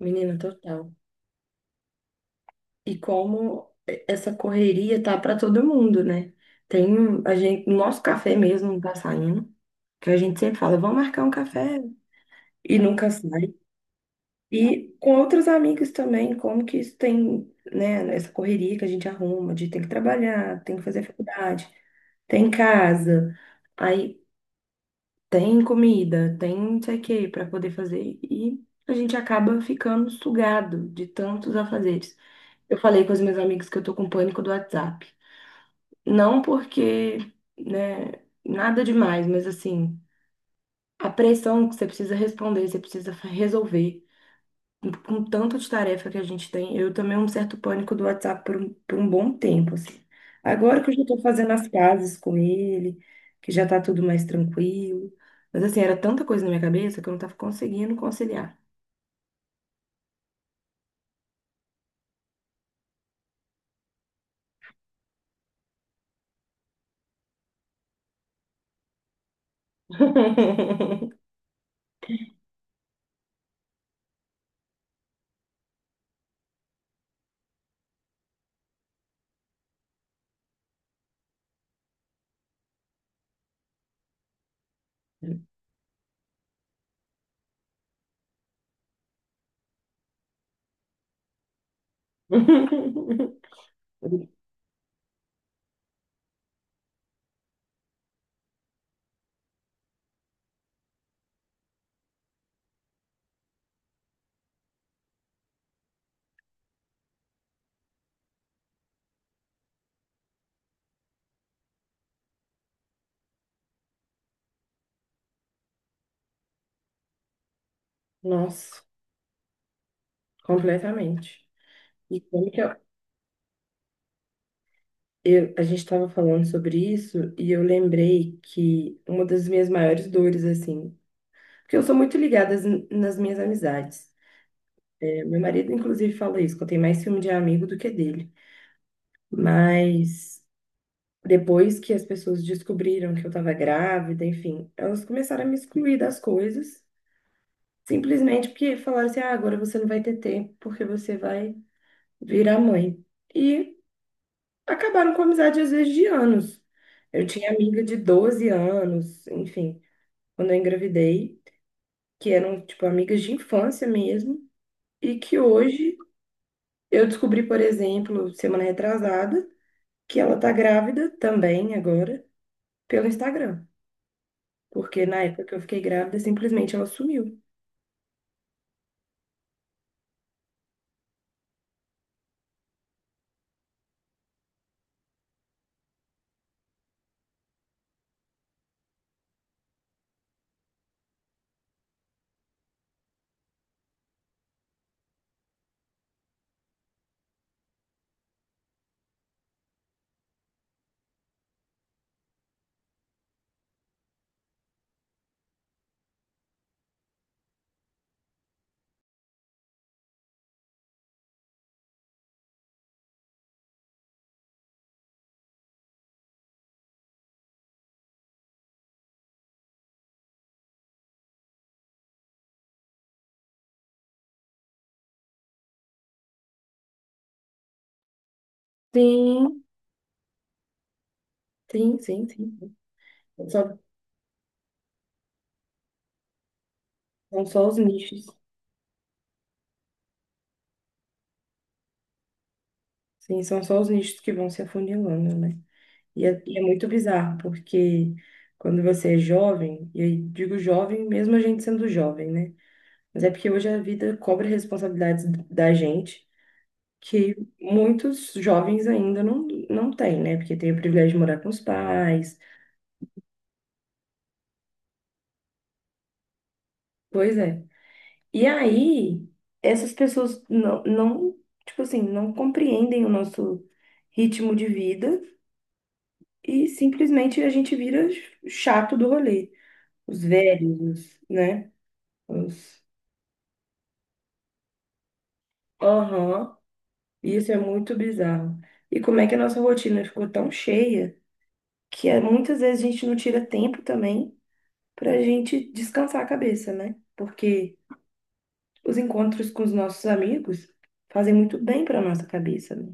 Menina, total. E como essa correria tá para todo mundo, né? Tem um, a gente, nosso café mesmo não tá saindo, que a gente sempre fala, vamos marcar um café e nunca sai. E com outros amigos também, como que isso tem, né, essa correria que a gente arruma de tem que trabalhar, tem que fazer faculdade, tem casa, aí tem comida, tem não sei o que para poder fazer e a gente acaba ficando sugado de tantos afazeres. Eu falei com os meus amigos que eu tô com pânico do WhatsApp. Não porque, né, nada demais, mas assim, a pressão que você precisa responder, você precisa resolver. Com tanto de tarefa que a gente tem, eu tomei um certo pânico do WhatsApp por um bom tempo, assim. Agora que eu já tô fazendo as pazes com ele, que já tá tudo mais tranquilo. Mas assim, era tanta coisa na minha cabeça que eu não tava conseguindo conciliar. Nossa, completamente. E como que a gente estava falando sobre isso e eu lembrei que uma das minhas maiores dores, assim, porque eu sou muito ligada nas minhas amizades. É, meu marido, inclusive, fala isso, que eu tenho mais ciúme de amigo do que dele. Mas depois que as pessoas descobriram que eu estava grávida, enfim, elas começaram a me excluir das coisas, simplesmente porque falaram assim: ah, agora você não vai ter tempo porque você vai virar mãe. E acabaram com amizade às vezes de anos. Eu tinha amiga de 12 anos, enfim, quando eu engravidei, que eram, tipo, amigas de infância mesmo, e que hoje eu descobri, por exemplo, semana retrasada, que ela tá grávida também agora pelo Instagram, porque na época que eu fiquei grávida, simplesmente ela sumiu. Sim, sim, sim, sim. Só- são só os nichos. Sim, são só os nichos que vão se afunilando, né? E é muito bizarro, porque quando você é jovem, e eu digo jovem mesmo a gente sendo jovem, né? Mas é porque hoje a vida cobra responsabilidades da gente que muitos jovens ainda não têm, né? Porque tem o privilégio de morar com os pais, pois é. E aí, essas pessoas tipo assim, não compreendem o nosso ritmo de vida e simplesmente a gente vira chato do rolê. Os velhos, né? Os Aham. Isso é muito bizarro. E como é que a nossa rotina ficou tão cheia que é, muitas vezes a gente não tira tempo também para a gente descansar a cabeça, né? Porque os encontros com os nossos amigos fazem muito bem para nossa cabeça, né?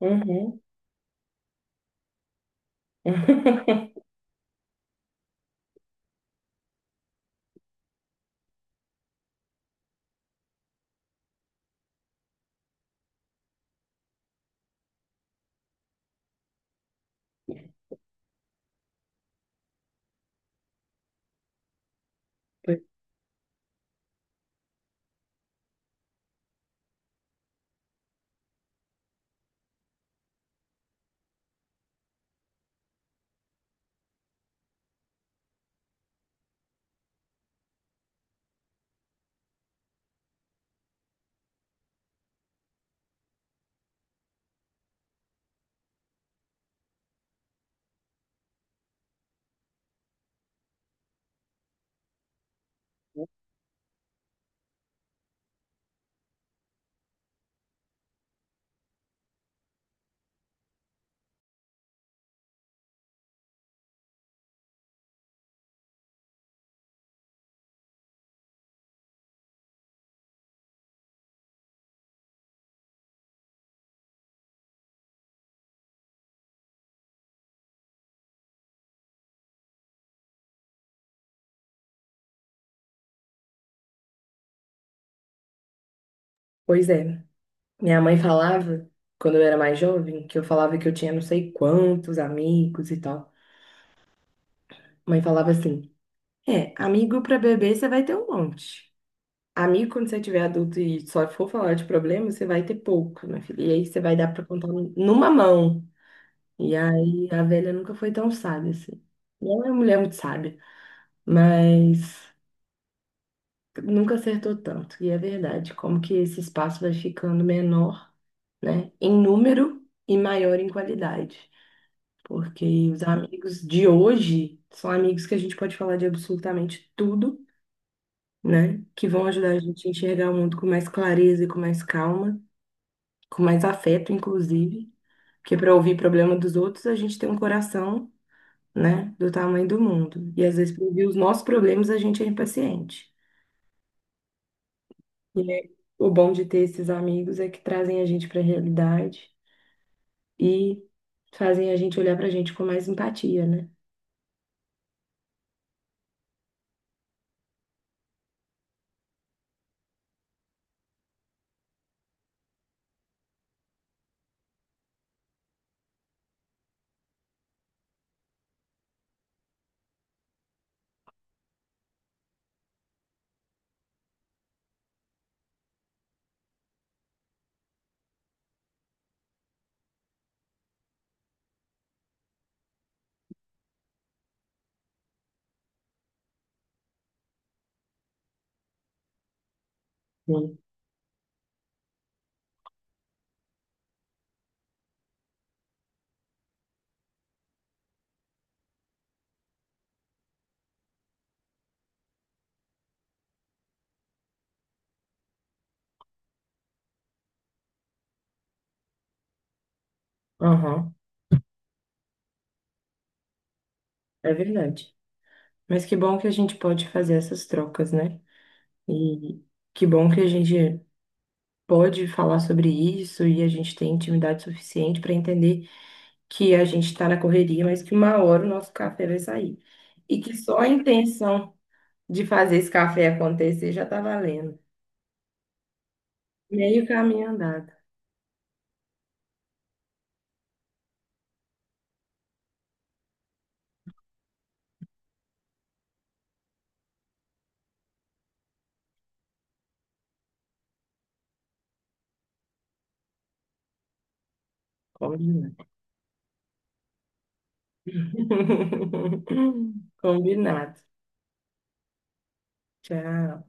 Uhum. Pois é. Minha mãe falava, quando eu era mais jovem, que eu falava que eu tinha não sei quantos amigos e tal. Mãe falava assim: é, amigo para beber você vai ter um monte. Amigo, quando você tiver adulto e só for falar de problema, você vai ter pouco, minha filha. E aí você vai dar pra contar numa mão. E aí a velha nunca foi tão sábia assim. Não é uma mulher muito sábia, mas nunca acertou tanto. E é verdade, como que esse espaço vai ficando menor, né? Em número e maior em qualidade. Porque os amigos de hoje são amigos que a gente pode falar de absolutamente tudo, né? Que vão ajudar a gente a enxergar o mundo com mais clareza e com mais calma, com mais afeto, inclusive, porque para ouvir problema dos outros, a gente tem um coração, né, do tamanho do mundo. E às vezes, para ouvir os nossos problemas, a gente é impaciente. E é- o bom de ter esses amigos é que trazem a gente para a realidade e fazem a gente olhar para a gente com mais empatia, né? Sim. Aham, é verdade. Mas que bom que a gente pode fazer essas trocas, né? E que bom que a gente pode falar sobre isso e a gente tem intimidade suficiente para entender que a gente está na correria, mas que uma hora o nosso café vai sair. E que só a intenção de fazer esse café acontecer já está valendo. Meio caminho andado. Combinado. Combinado. Tchau.